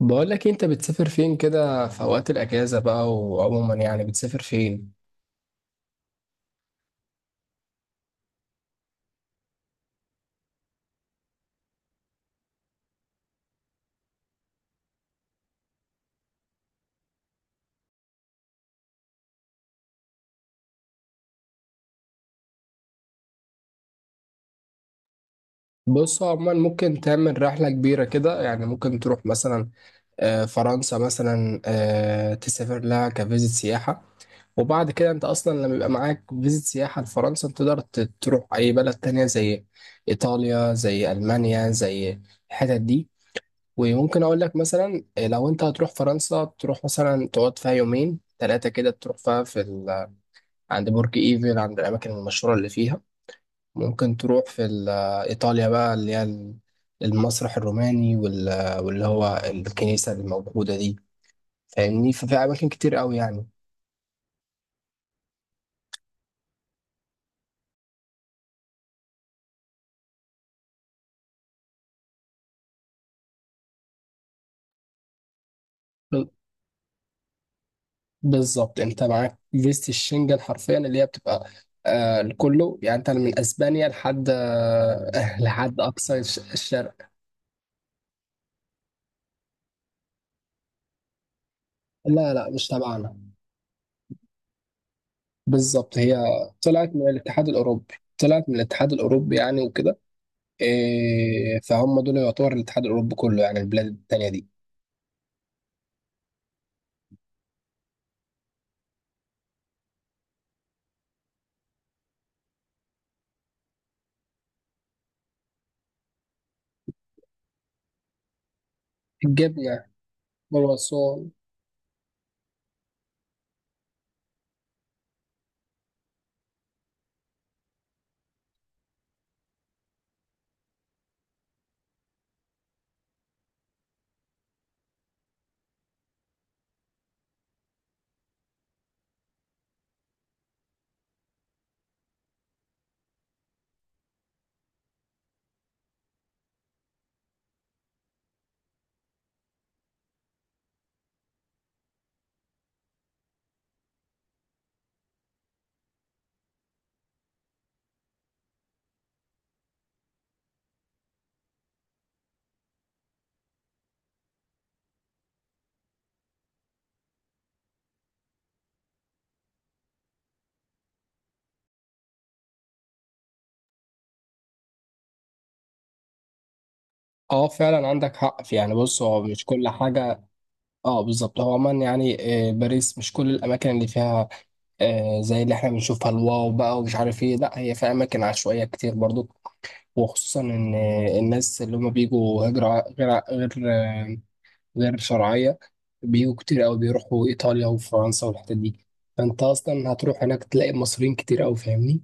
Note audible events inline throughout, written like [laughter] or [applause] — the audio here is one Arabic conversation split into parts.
بقول لك إيه، انت بتسافر فين كده في اوقات الاجازه بقى؟ وعموما يعني بتسافر فين؟ بص، هو عموما ممكن تعمل رحله كبيره كده، يعني ممكن تروح مثلا فرنسا مثلا. تسافر لها كفيزيت سياحه، وبعد كده انت اصلا لما يبقى معاك فيزيت سياحه لفرنسا انت تقدر تروح اي بلد تانية زي ايطاليا، زي المانيا، زي الحتت دي. وممكن اقول لك مثلا، لو انت هتروح فرنسا تروح مثلا تقعد فيها يومين ثلاثه كده، تروح فيها في عند برج ايفل، عند الاماكن المشهوره اللي فيها. ممكن تروح في ايطاليا بقى، اللي هي المسرح الروماني واللي هو الكنيسه الموجوده دي، فاهمني؟ ففي اماكن كتير قوي يعني. ب- بالظبط، انت معاك فيزة الشنجن حرفيا، اللي هي بتبقى لكله، يعني انت من اسبانيا لحد [laughs] لحد اقصى الشرق. لا لا، مش تبعنا. بالظبط، هي طلعت من الاتحاد الاوروبي، طلعت من الاتحاد الاوروبي يعني وكده. إيه، فهم دول يعتبر الاتحاد الاوروبي كله، يعني البلاد التانية دي. الجبنه والوصول. اه فعلا، عندك حق في، يعني بص، هو مش كل حاجه. اه بالظبط، هو عموما يعني باريس مش كل الاماكن اللي فيها زي اللي احنا بنشوفها الواو بقى ومش عارف ايه، لا هي فيها اماكن عشوائيه كتير برضو، وخصوصا ان الناس اللي هم بيجوا هجره غير غير آه، غير شرعيه. بيجوا كتير قوي، بيروحوا ايطاليا وفرنسا والحتت دي. فانت اصلا هتروح هناك تلاقي مصريين كتير قوي، فاهمني؟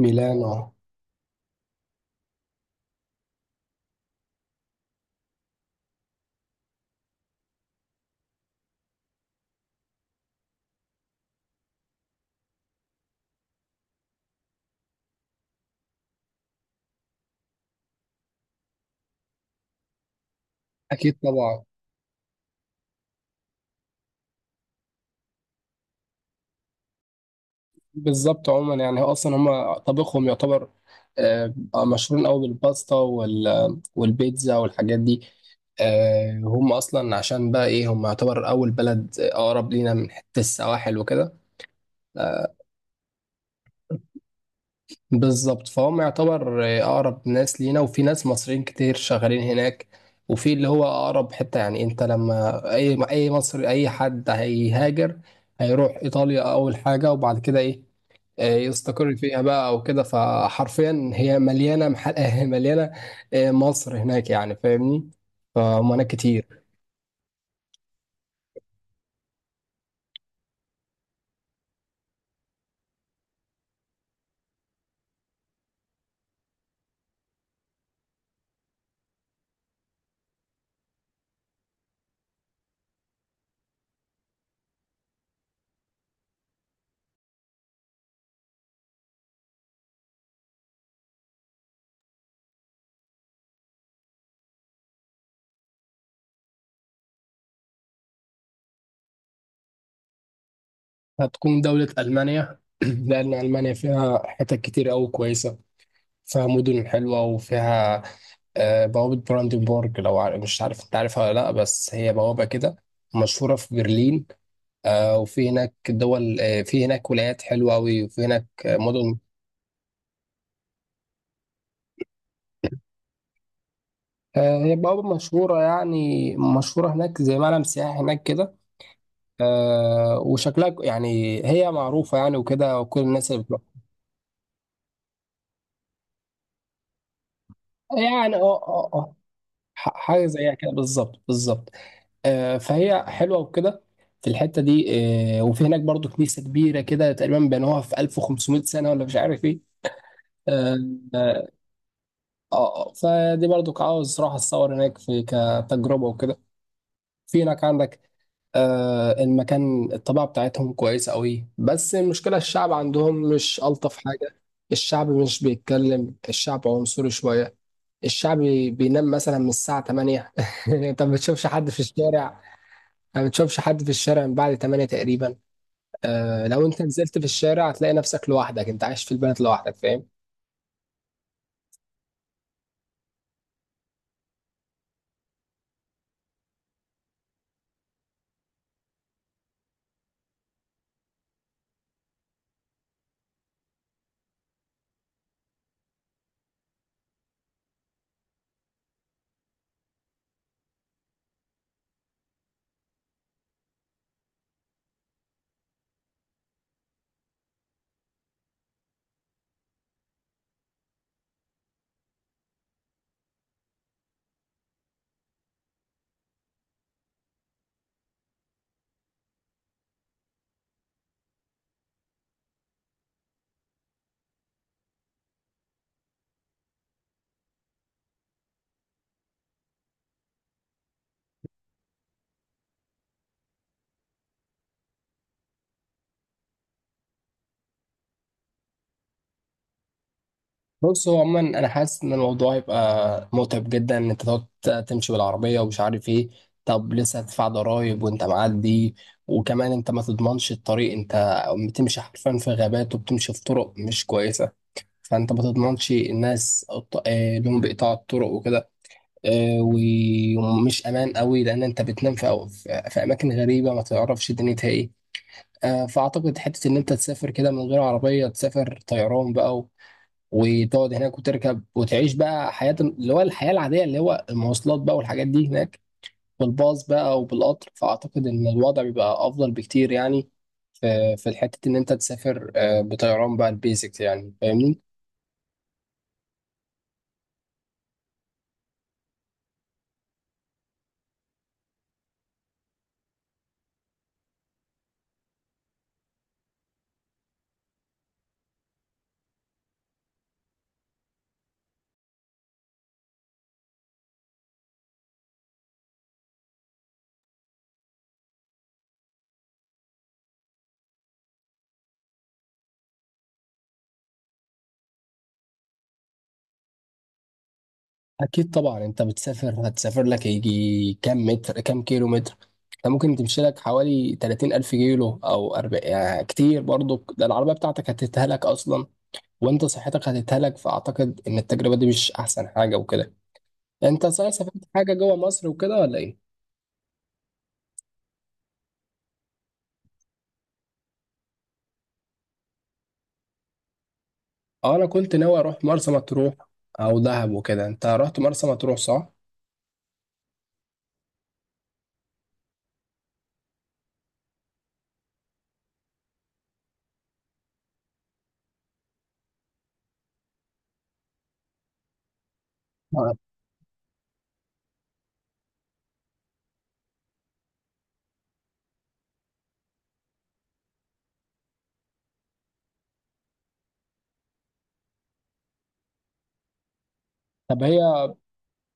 ميلانو، اكيد طبعا. بالظبط، عموما يعني هو اصلا هم طبخهم يعتبر، آه، مشهورين قوي بالباستا والبيتزا والحاجات دي. هم اصلا عشان بقى ايه، هم يعتبر اول بلد اقرب لينا من حته السواحل وكده. بالظبط، فهم يعتبر اقرب ناس لينا، وفي ناس مصريين كتير شغالين هناك، وفي اللي هو اقرب حته. يعني انت لما اي مصري، اي حد هيهاجر هيروح ايطاليا اول حاجه، وبعد كده ايه؟ يستقر فيها بقى او كده. فحرفيا هي مليانه محل [laughs] مليانه مصر هناك، يعني فاهمني؟ فهناك كتير. هتكون دوله المانيا [clears throat] لان المانيا فيها حتت كتير قوي كويسه، فيها مدن حلوه، وفيها بوابه براندنبورغ. لو مش عارف انت عارفها ولا لا، بس هي بوابه كده مشهوره في برلين. وفي هناك دول، في هناك ولايات حلوه قوي، وفي هناك مدن. هي بوابة مشهورة، يعني مشهورة هناك زي معلم سياحي هناك كده. وشكلها يعني هي معروفة يعني وكده، وكل الناس اللي بتروح. يعني اه حاجة زيها كده، بالظبط بالظبط. فهي حلوة وكده، في الحتة دي. وفي هناك برضو كنيسة كبيرة كده، تقريبا بنوها في 1500 سنة ولا مش عارف ايه. اه آه، فدي برضو عاوز راح اتصور هناك في كتجربة وكده. في هناك عندك المكان الطبيعة بتاعتهم كويسة قوي، بس المشكلة الشعب عندهم مش ألطف حاجة. الشعب مش بيتكلم، الشعب عنصري شوية، الشعب بينام مثلا من الساعة 8 [laughs] انت ما بتشوفش حد في الشارع، ما بتشوفش حد في الشارع من بعد 8 تقريبا. لو انت نزلت في الشارع هتلاقي نفسك لوحدك، انت عايش في البلد لوحدك، فاهم؟ بص، هو عموما انا حاسس ان الموضوع هيبقى متعب جدا، ان انت تقعد تمشي بالعربيه ومش عارف ايه. طب لسه هتدفع ضرايب وانت معدي، وكمان انت ما تضمنش الطريق. انت بتمشي حرفيا في غابات، وبتمشي في طرق مش كويسه، فانت ما تضمنش الناس لهم بقطاع الطرق وكده. آه، ومش امان قوي، لان انت بتنام في أو- في في اماكن غريبه ما تعرفش دنيتها ايه. فاعتقد حته ان انت تسافر كده من غير عربيه، تسافر طيران بقى وتقعد هناك وتركب وتعيش بقى حياة اللي هو الحياة العادية، اللي هو المواصلات بقى والحاجات دي هناك، بالباص بقى وبالقطر. فأعتقد إن الوضع بيبقى أفضل بكتير يعني، في الحتة إن أنت تسافر بطيران بقى البيزكس، يعني فاهمني؟ أكيد طبعا، أنت بتسافر هتسافر لك يجي كام متر، كام كيلو متر. أنت ممكن تمشي لك حوالي 30 ألف كيلو أو 40، يعني كتير برضو. ده العربية بتاعتك هتتهلك أصلا، وأنت صحتك هتتهلك. فأعتقد إن التجربة دي مش أحسن حاجة وكده. يعني انت صحيح سافرت حاجه جوه مصر وكده ولا ايه؟ اه انا كنت ناوي اروح مرسى مطروح او دهب وكده. انت رحت مرسى مطروح، صح؟ آه. طب هي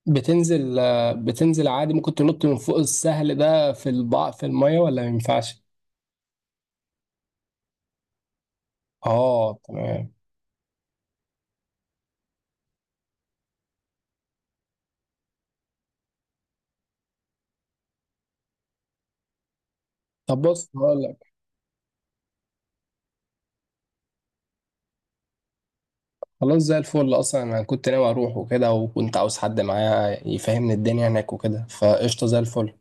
بتنزل بتنزل عادي؟ ممكن تنط من فوق السهل ده في الميه ولا ما ينفعش؟ اه تمام. طب بص، هقول لك. خلاص زي الفل، اصلا انا كنت ناوي اروح وكده، وكنت عاوز حد معايا يفهمني الدنيا هناك وكده، فقشطه زي الفل.